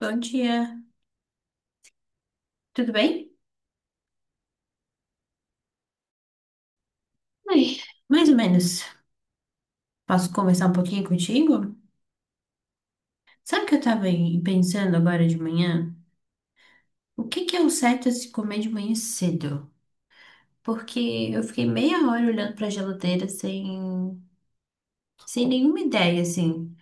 Bom dia, tudo bem? Ai, mais ou menos. Posso conversar um pouquinho contigo? Sabe o que eu tava pensando agora de manhã? O que que é o certo a se comer de manhã cedo? Porque eu fiquei meia hora olhando pra geladeira sem nenhuma ideia, assim.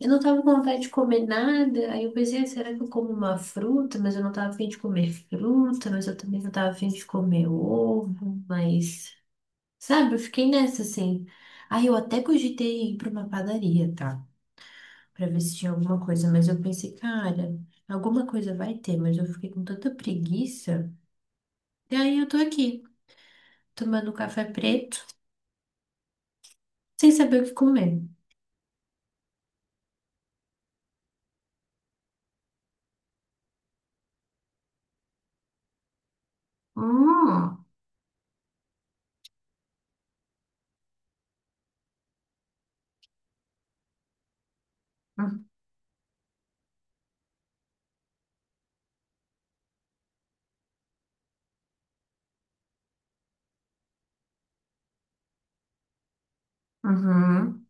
Eu não tava com vontade de comer nada, aí eu pensei, "Ah, será que eu como uma fruta? Mas eu não tava a de comer fruta, mas eu também não tava a de comer ovo, mas... Sabe, eu fiquei nessa assim. Aí eu até cogitei ir pra uma padaria, tá? Pra ver se tinha alguma coisa, mas eu pensei, cara, alguma coisa vai ter, mas eu fiquei com tanta preguiça. E aí eu tô aqui, tomando café preto, sem saber o que comer. Hum, uhum,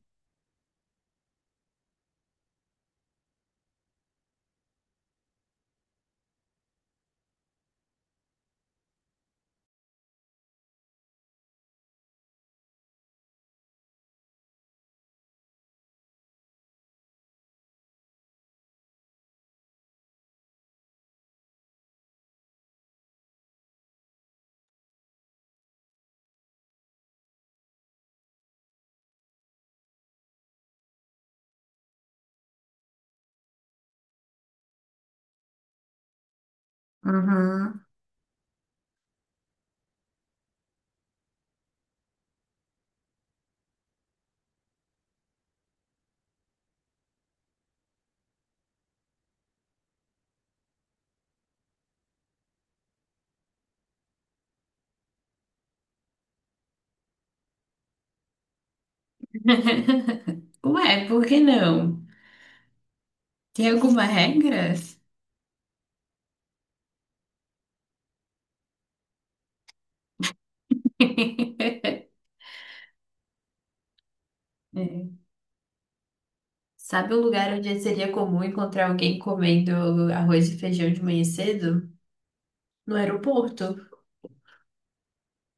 uhum. Ué, por que não? Tem alguma regra? É. Sabe um lugar onde seria comum encontrar alguém comendo arroz e feijão de manhã cedo? No aeroporto?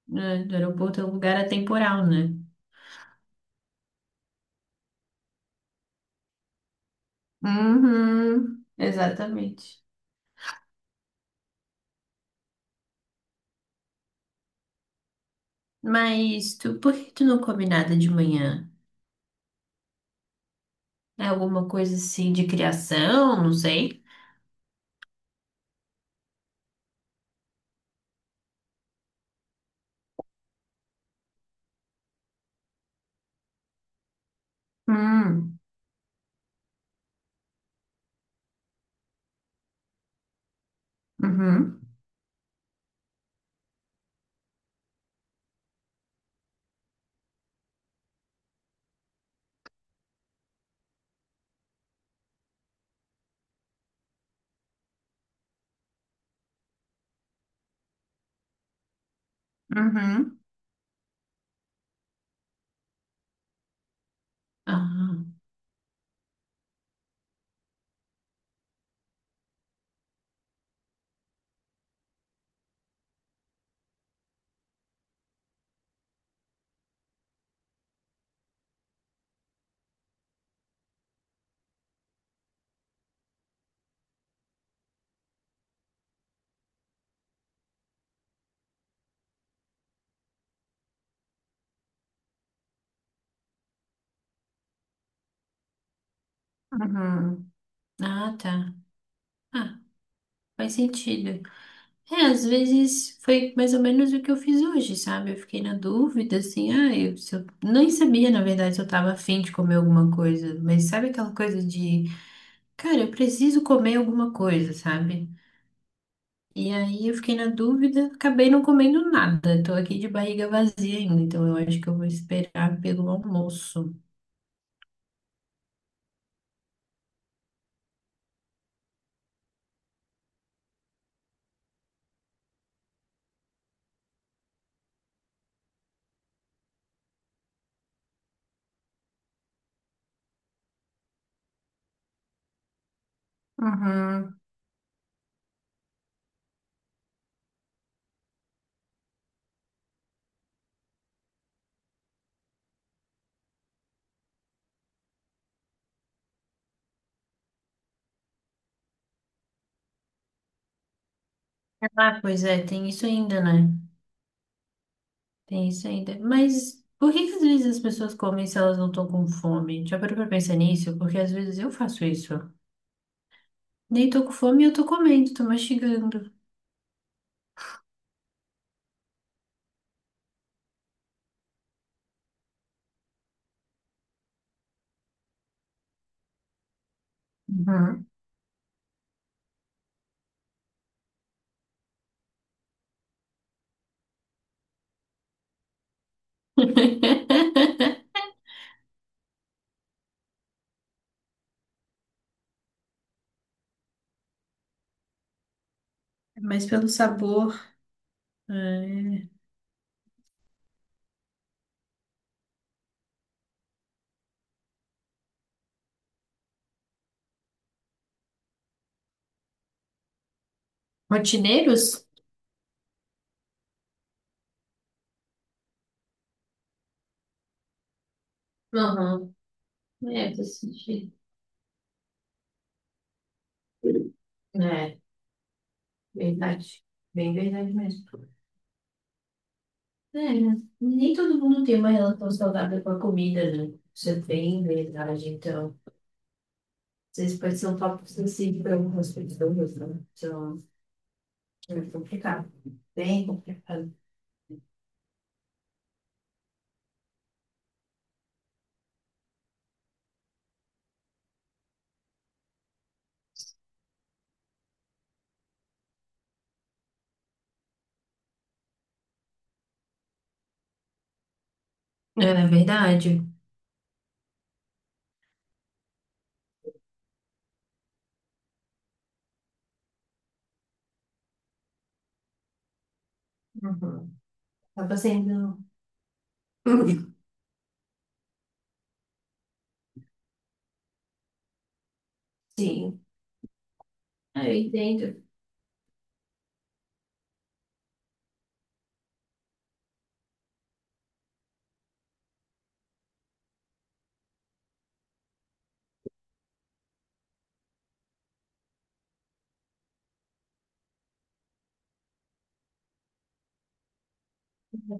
Né? No aeroporto é um lugar atemporal, né? Uhum, exatamente. Mas tu, por que tu não come nada de manhã? É alguma coisa assim de criação? Não sei. Hum, uhum, uhum, ah, uhum. Ah, tá. Ah, faz sentido. É, às vezes foi mais ou menos o que eu fiz hoje, sabe? Eu fiquei na dúvida, assim, ah, eu, se eu nem sabia, na verdade, se eu tava afim de comer alguma coisa. Mas sabe aquela coisa de cara, eu preciso comer alguma coisa, sabe? E aí eu fiquei na dúvida, acabei não comendo nada. Tô aqui de barriga vazia ainda, então eu acho que eu vou esperar pelo almoço. Uhum. Ah, pois é, tem isso ainda, né? Tem isso ainda. Mas por que que às vezes as pessoas comem se elas não estão com fome? Já parou pra pensar nisso? Porque às vezes eu faço isso. Nem tô com fome e eu tô comendo, tô mastigando. Uhum. Mas pelo sabor. É, rotineiros? Uhum. É, tô sentindo. É, verdade. Bem verdade mesmo. É, né? Nem todo mundo tem uma relação saudável com a comida, né? Isso é bem verdade. Então, vocês podem ser um tópico sensível para algumas pessoas, né? Então, é complicado. Bem complicado. É verdade. Uhum. Acaba sendo. Sim, ah, eu entendo.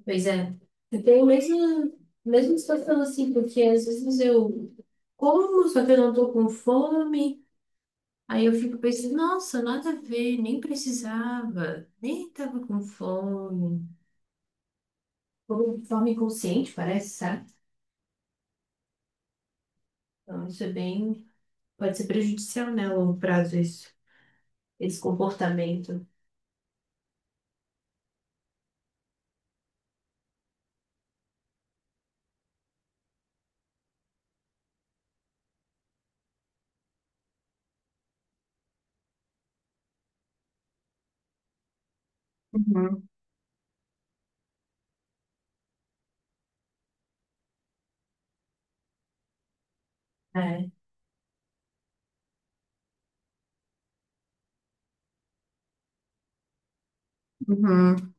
Pois é. Eu tenho a mesma situação assim, porque às vezes eu como, só que eu não tô com fome. Aí eu fico pensando, nossa, nada a ver, nem precisava, nem tava com fome. Como de forma inconsciente, parece, sabe? Então isso é pode ser prejudicial, né, a longo prazo, isso, esse comportamento. Uhum, é. Uhum.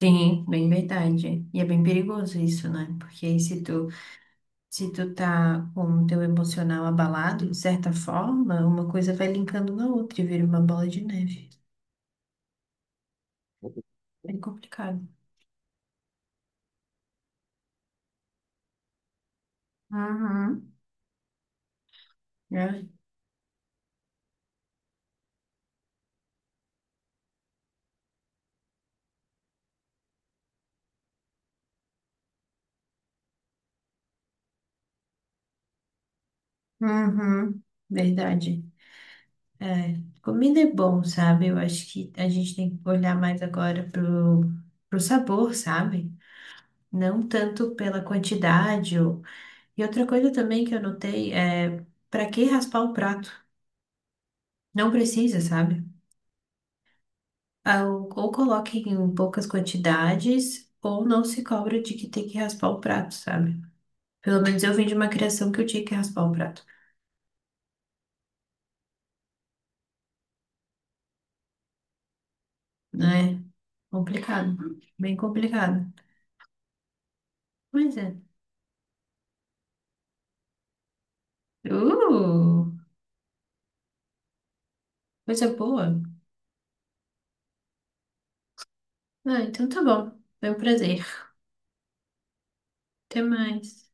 Sim, bem verdade. E é bem perigoso isso, né? Porque aí se se tu tá com o teu emocional abalado, de certa forma, uma coisa vai linkando na outra e vira uma bola de neve. É, bem complicado. Uhum. Uhum, verdade. É, comida é bom, sabe? Eu acho que a gente tem que olhar mais agora pro sabor, sabe? Não tanto pela quantidade. Ou... E outra coisa também que eu notei é para que raspar o prato? Não precisa, sabe? Ah, ou coloque em poucas quantidades, ou não se cobra de que tem que raspar o prato, sabe? Pelo menos eu vim de uma criação que eu tinha que raspar o prato, né? Complicado, bem complicado. Pois é. Uh, coisa boa. Ah, então tá bom. Foi um prazer. Até mais.